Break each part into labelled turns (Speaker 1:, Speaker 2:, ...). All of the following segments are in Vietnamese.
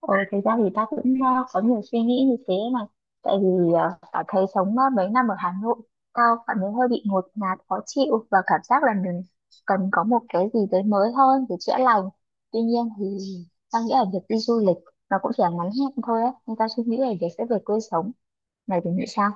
Speaker 1: Ờ, Thực ra thì ta cũng có nhiều suy nghĩ như thế này, tại vì ta thấy sống mấy năm ở Hà Nội, tao cảm thấy hơi bị ngột ngạt khó chịu và cảm giác là mình cần có một cái gì đấy mới hơn để chữa lành. Tuy nhiên thì tao nghĩ là việc đi du lịch nó cũng chỉ là ngắn hạn thôi á, nên tao suy nghĩ là việc sẽ về quê sống. Mày thì nghĩ sao?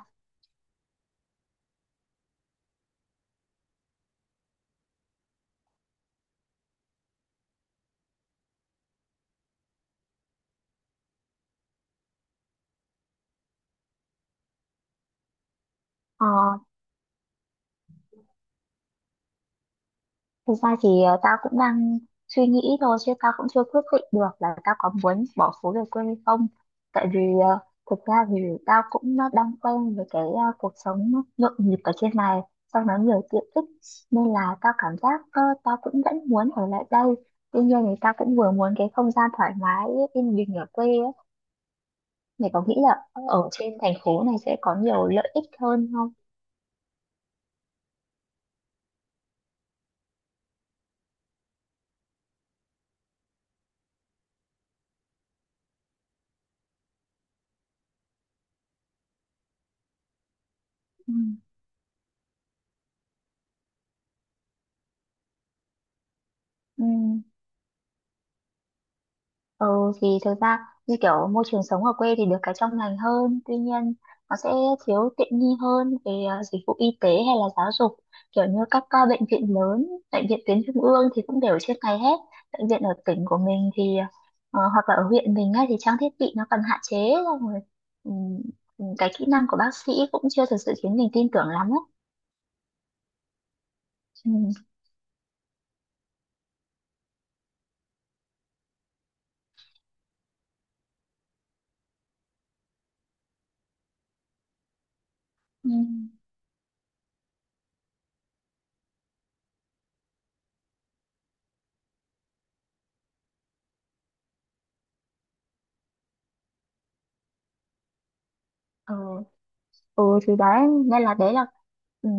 Speaker 1: Thực ra thì tao cũng đang suy nghĩ thôi, chứ tao cũng chưa quyết định được là tao có muốn bỏ phố về quê hay không. Tại vì thực ra thì tao cũng đang quen với cái cuộc sống nhộn nhịp ở trên này, sau đó nhiều tiện ích, nên là tao cảm giác tao cũng vẫn muốn ở lại đây. Tuy nhiên thì tao cũng vừa muốn cái không gian thoải mái, yên bình ở quê ấy. Mày có nghĩ là ở trên thành phố này sẽ có nhiều lợi ích hơn không? Ừ. Ừ. Ừ thì thực ra như kiểu môi trường sống ở quê thì được cái trong lành hơn, tuy nhiên nó sẽ thiếu tiện nghi hơn về dịch vụ y tế hay là giáo dục, kiểu như các bệnh viện lớn, bệnh viện tuyến trung ương thì cũng đều ở trên này hết. Bệnh viện ở tỉnh của mình thì hoặc là ở huyện mình ấy, thì trang thiết bị nó còn hạn chế, xong rồi ừm, cái kỹ năng của bác sĩ cũng chưa thực sự khiến mình tin tưởng lắm ấy. Ừ. Ừ. Ừ. Ừ thì đấy, nên là đấy là ừ,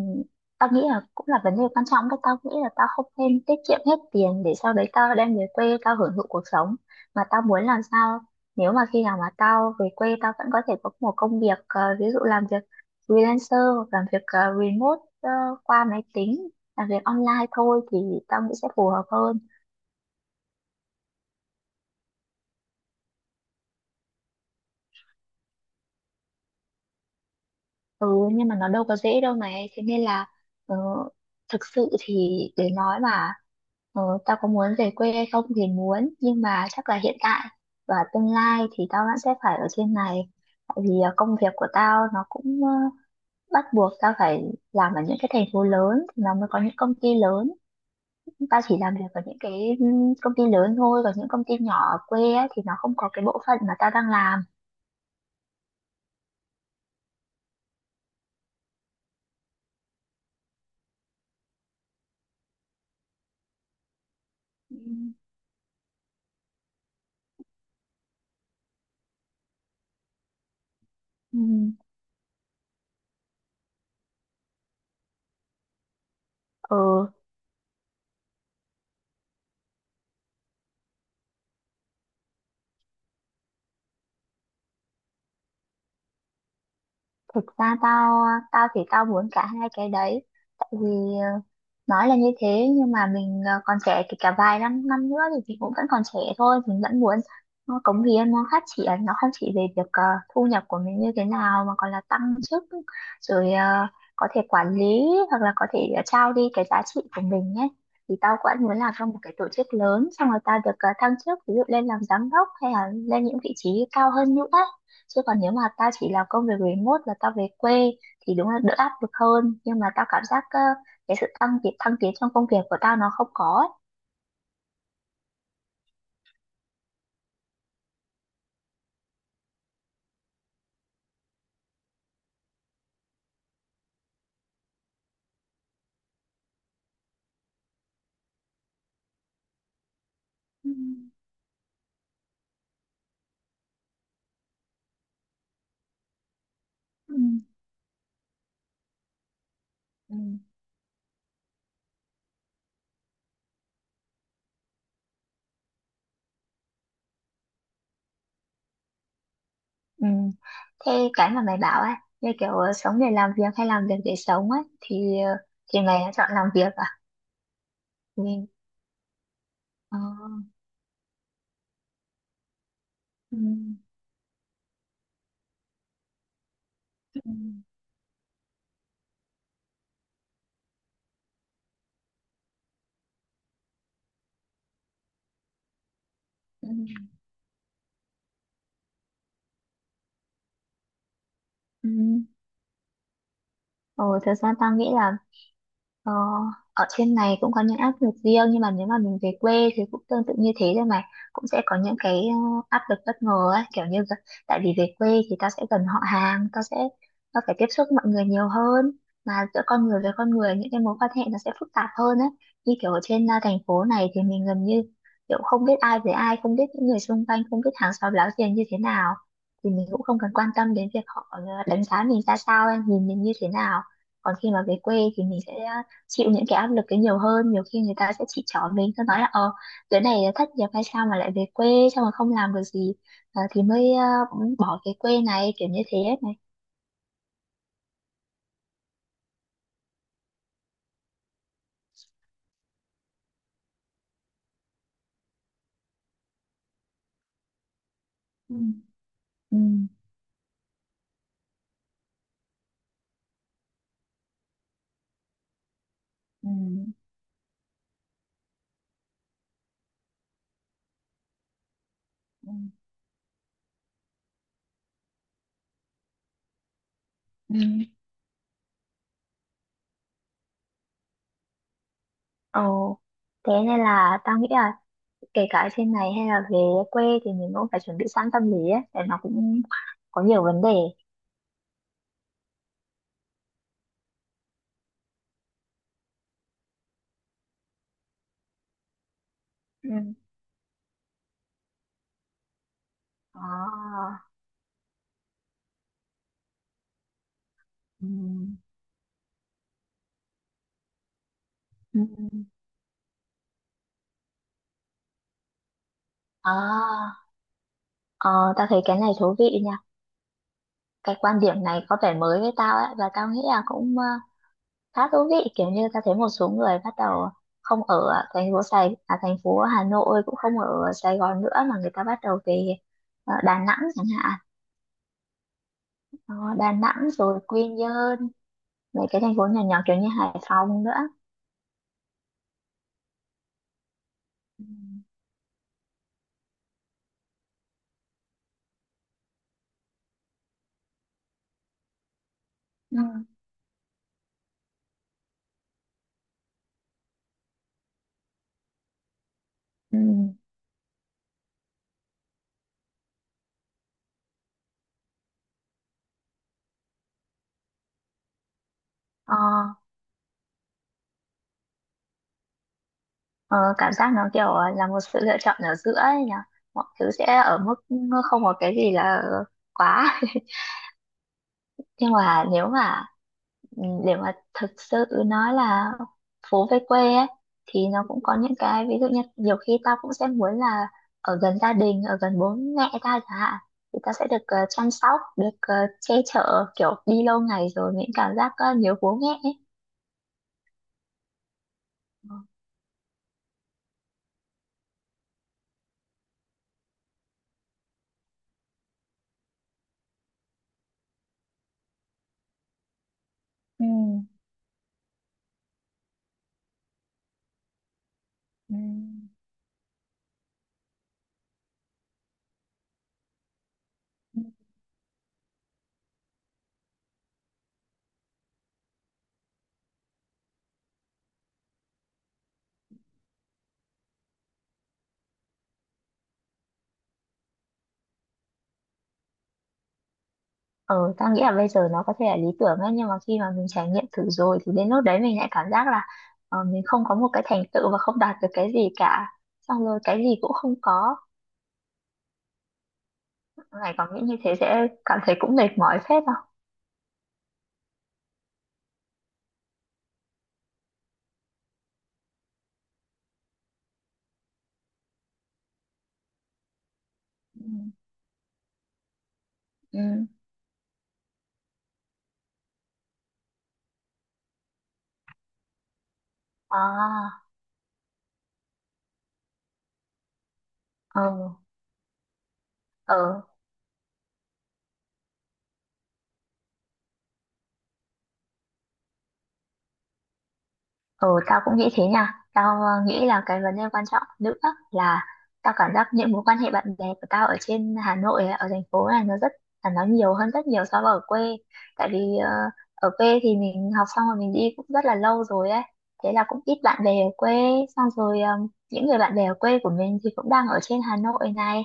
Speaker 1: tao nghĩ là cũng là vấn đề quan trọng đấy. Tao nghĩ là tao không nên tiết kiệm hết tiền để sau đấy tao đem về quê tao hưởng thụ cuộc sống, mà tao muốn làm sao nếu mà khi nào mà tao về quê, tao vẫn có thể có một công việc, ví dụ làm việc freelancer hoặc làm việc remote, qua máy tính, làm việc online thôi, thì tao nghĩ sẽ phù hợp hơn. Ừ, nhưng mà nó đâu có dễ đâu này. Thế nên là ờ, thực sự thì để nói mà tao có muốn về quê hay không thì muốn, nhưng mà chắc là hiện tại và tương lai thì tao vẫn sẽ phải ở trên này. Tại vì công việc của tao nó cũng bắt buộc tao phải làm ở những cái thành phố lớn, thì nó mới có những công ty lớn. Tao chỉ làm việc ở những cái công ty lớn thôi. Còn những công ty nhỏ ở quê á, thì nó không có cái bộ phận mà tao đang làm. Ừ. Ừ. Ừ. Thực ra tao tao thì tao muốn cả hai cái đấy, tại vì ờ, nói là như thế, nhưng mà mình còn trẻ, kể cả vài năm năm nữa thì mình cũng vẫn còn trẻ thôi, mình vẫn muốn nó cống hiến, nó phát triển, nó không chỉ về việc thu nhập của mình như thế nào mà còn là tăng chức, rồi có thể quản lý, hoặc là có thể trao đi cái giá trị của mình nhé. Thì tao cũng muốn làm trong một cái tổ chức lớn, xong rồi tao được thăng chức, ví dụ lên làm giám đốc hay là lên những vị trí cao hơn nữa. Chứ còn nếu mà tao chỉ làm công việc remote là tao về quê thì đúng là đỡ áp lực hơn, nhưng mà tao cảm giác cái sự tăng tiến thăng tiến trong công việc của tao nó không có ấy. Ừ. Ừ. Ừ. Ừ. Thế cái mà mày bảo ấy, như kiểu sống để làm việc hay làm việc để sống ấy, thì thì mày đã chọn làm việc à? Mình ờ, Ừ. Ừ. Ừ. Ừ. Ồ, thực ra tao nghĩ là... Ờ, ở trên này cũng có những áp lực riêng, nhưng mà nếu mà mình về quê thì cũng tương tự như thế thôi mà, cũng sẽ có những cái áp lực bất ngờ ấy, kiểu như vậy. Tại vì về quê thì tao sẽ gần họ hàng, tao phải tiếp xúc mọi người nhiều hơn. Mà giữa con người với con người, những cái mối quan hệ nó sẽ phức tạp hơn ấy. Như kiểu ở trên thành phố này thì mình gần như kiểu không biết ai với ai, không biết những người xung quanh, không biết hàng xóm láng giềng như thế nào, thì mình cũng không cần quan tâm đến việc họ đánh giá mình ra sao, nhìn mình như thế nào. Còn khi mà về quê thì mình sẽ chịu những cái áp lực ấy nhiều hơn, nhiều khi người ta sẽ chỉ trỏ mình, ta nói là đứa này thất nghiệp hay sao mà lại về quê, xong rồi không làm được gì, thì mới bỏ cái quê này, kiểu như thế ấy này. Ừ. Ừ. Ừ. Ừ. Ừ. Ồ, thế nên là tao nghĩ là kể cả ở trên này hay là về quê thì mình cũng phải chuẩn bị sẵn tâm lý ấy, để nó cũng có nhiều vấn đề. Ừ. À. Ừ. Ừ. À, ờ, tao thấy cái này thú vị nha. Cái quan điểm này có vẻ mới với tao ấy, và tao nghĩ là cũng khá thú vị. Kiểu như tao thấy một số người bắt đầu không ở thành phố thành phố Hà Nội, cũng không ở Sài Gòn nữa, mà người ta bắt đầu về Đà Nẵng chẳng hạn. Đó, Đà Nẵng rồi Quy Nhơn, mấy cái thành phố nhỏ nhỏ kiểu như Hải Phòng nữa. Ừ. Ừ. Ừ. Ờ, ờ, cảm giác nó kiểu là một sự lựa chọn ở giữa ấy nhỉ, mọi thứ sẽ ở mức không có cái gì là quá nhưng mà nếu mà ừ, để mà thực sự nói là... phố về quê ấy, thì nó cũng có những cái, ví dụ như nhiều khi tao cũng sẽ muốn là ở gần gia đình, ở gần bố mẹ tao chẳng hạn, thì tao sẽ được chăm sóc, được che chở, kiểu đi lâu ngày rồi những cảm giác nhớ bố mẹ ấy. Ừ. Ừ. Ừ, tao nghĩ là bây giờ nó có thể là lý tưởng ấy, nhưng mà khi mà mình trải nghiệm thử rồi thì đến lúc đấy mình lại cảm giác là mình không có một cái thành tựu và không đạt được cái gì cả, xong rồi cái gì cũng không có. Này còn nghĩ như thế sẽ cảm thấy cũng mệt mỏi phết không? Ừ. Ừ. À, ừ, ừ, ừ, tao cũng nghĩ thế nha. Tao nghĩ là cái vấn đề quan trọng nữa là tao cảm giác những mối quan hệ bạn bè của tao ở trên Hà Nội, ở thành phố này nó nhiều hơn rất nhiều so với ở quê. Tại vì ở quê thì mình học xong rồi mình đi cũng rất là lâu rồi ấy. Thế là cũng ít bạn bè ở quê. Xong rồi những người bạn bè ở quê của mình thì cũng đang ở trên Hà Nội này.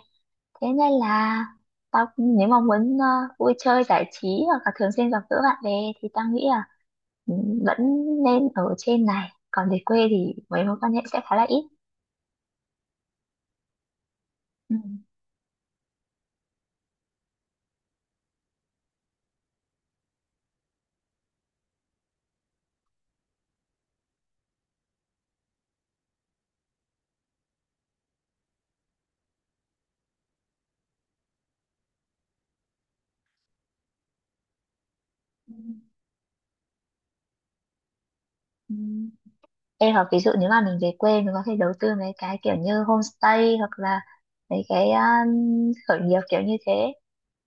Speaker 1: Thế nên là tao nếu mà muốn vui chơi giải trí hoặc là thường xuyên gặp gỡ bạn bè thì tao nghĩ là ừ, vẫn nên ở trên này. Còn về quê thì mấy mối quan hệ sẽ khá là ít. Ừ. Ừ. Ê, hoặc ví dụ nếu mà mình về quê, mình có thể đầu tư mấy cái kiểu như homestay hoặc là mấy cái khởi nghiệp kiểu như thế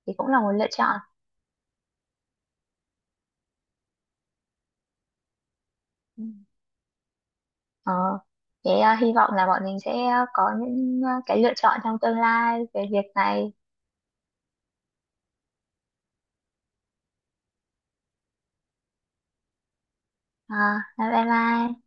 Speaker 1: thì cũng là một lựa chọn. Ừ. Ờ, thế à, hy vọng là bọn mình sẽ có những cái lựa chọn trong tương lai về việc này. À, bye bye.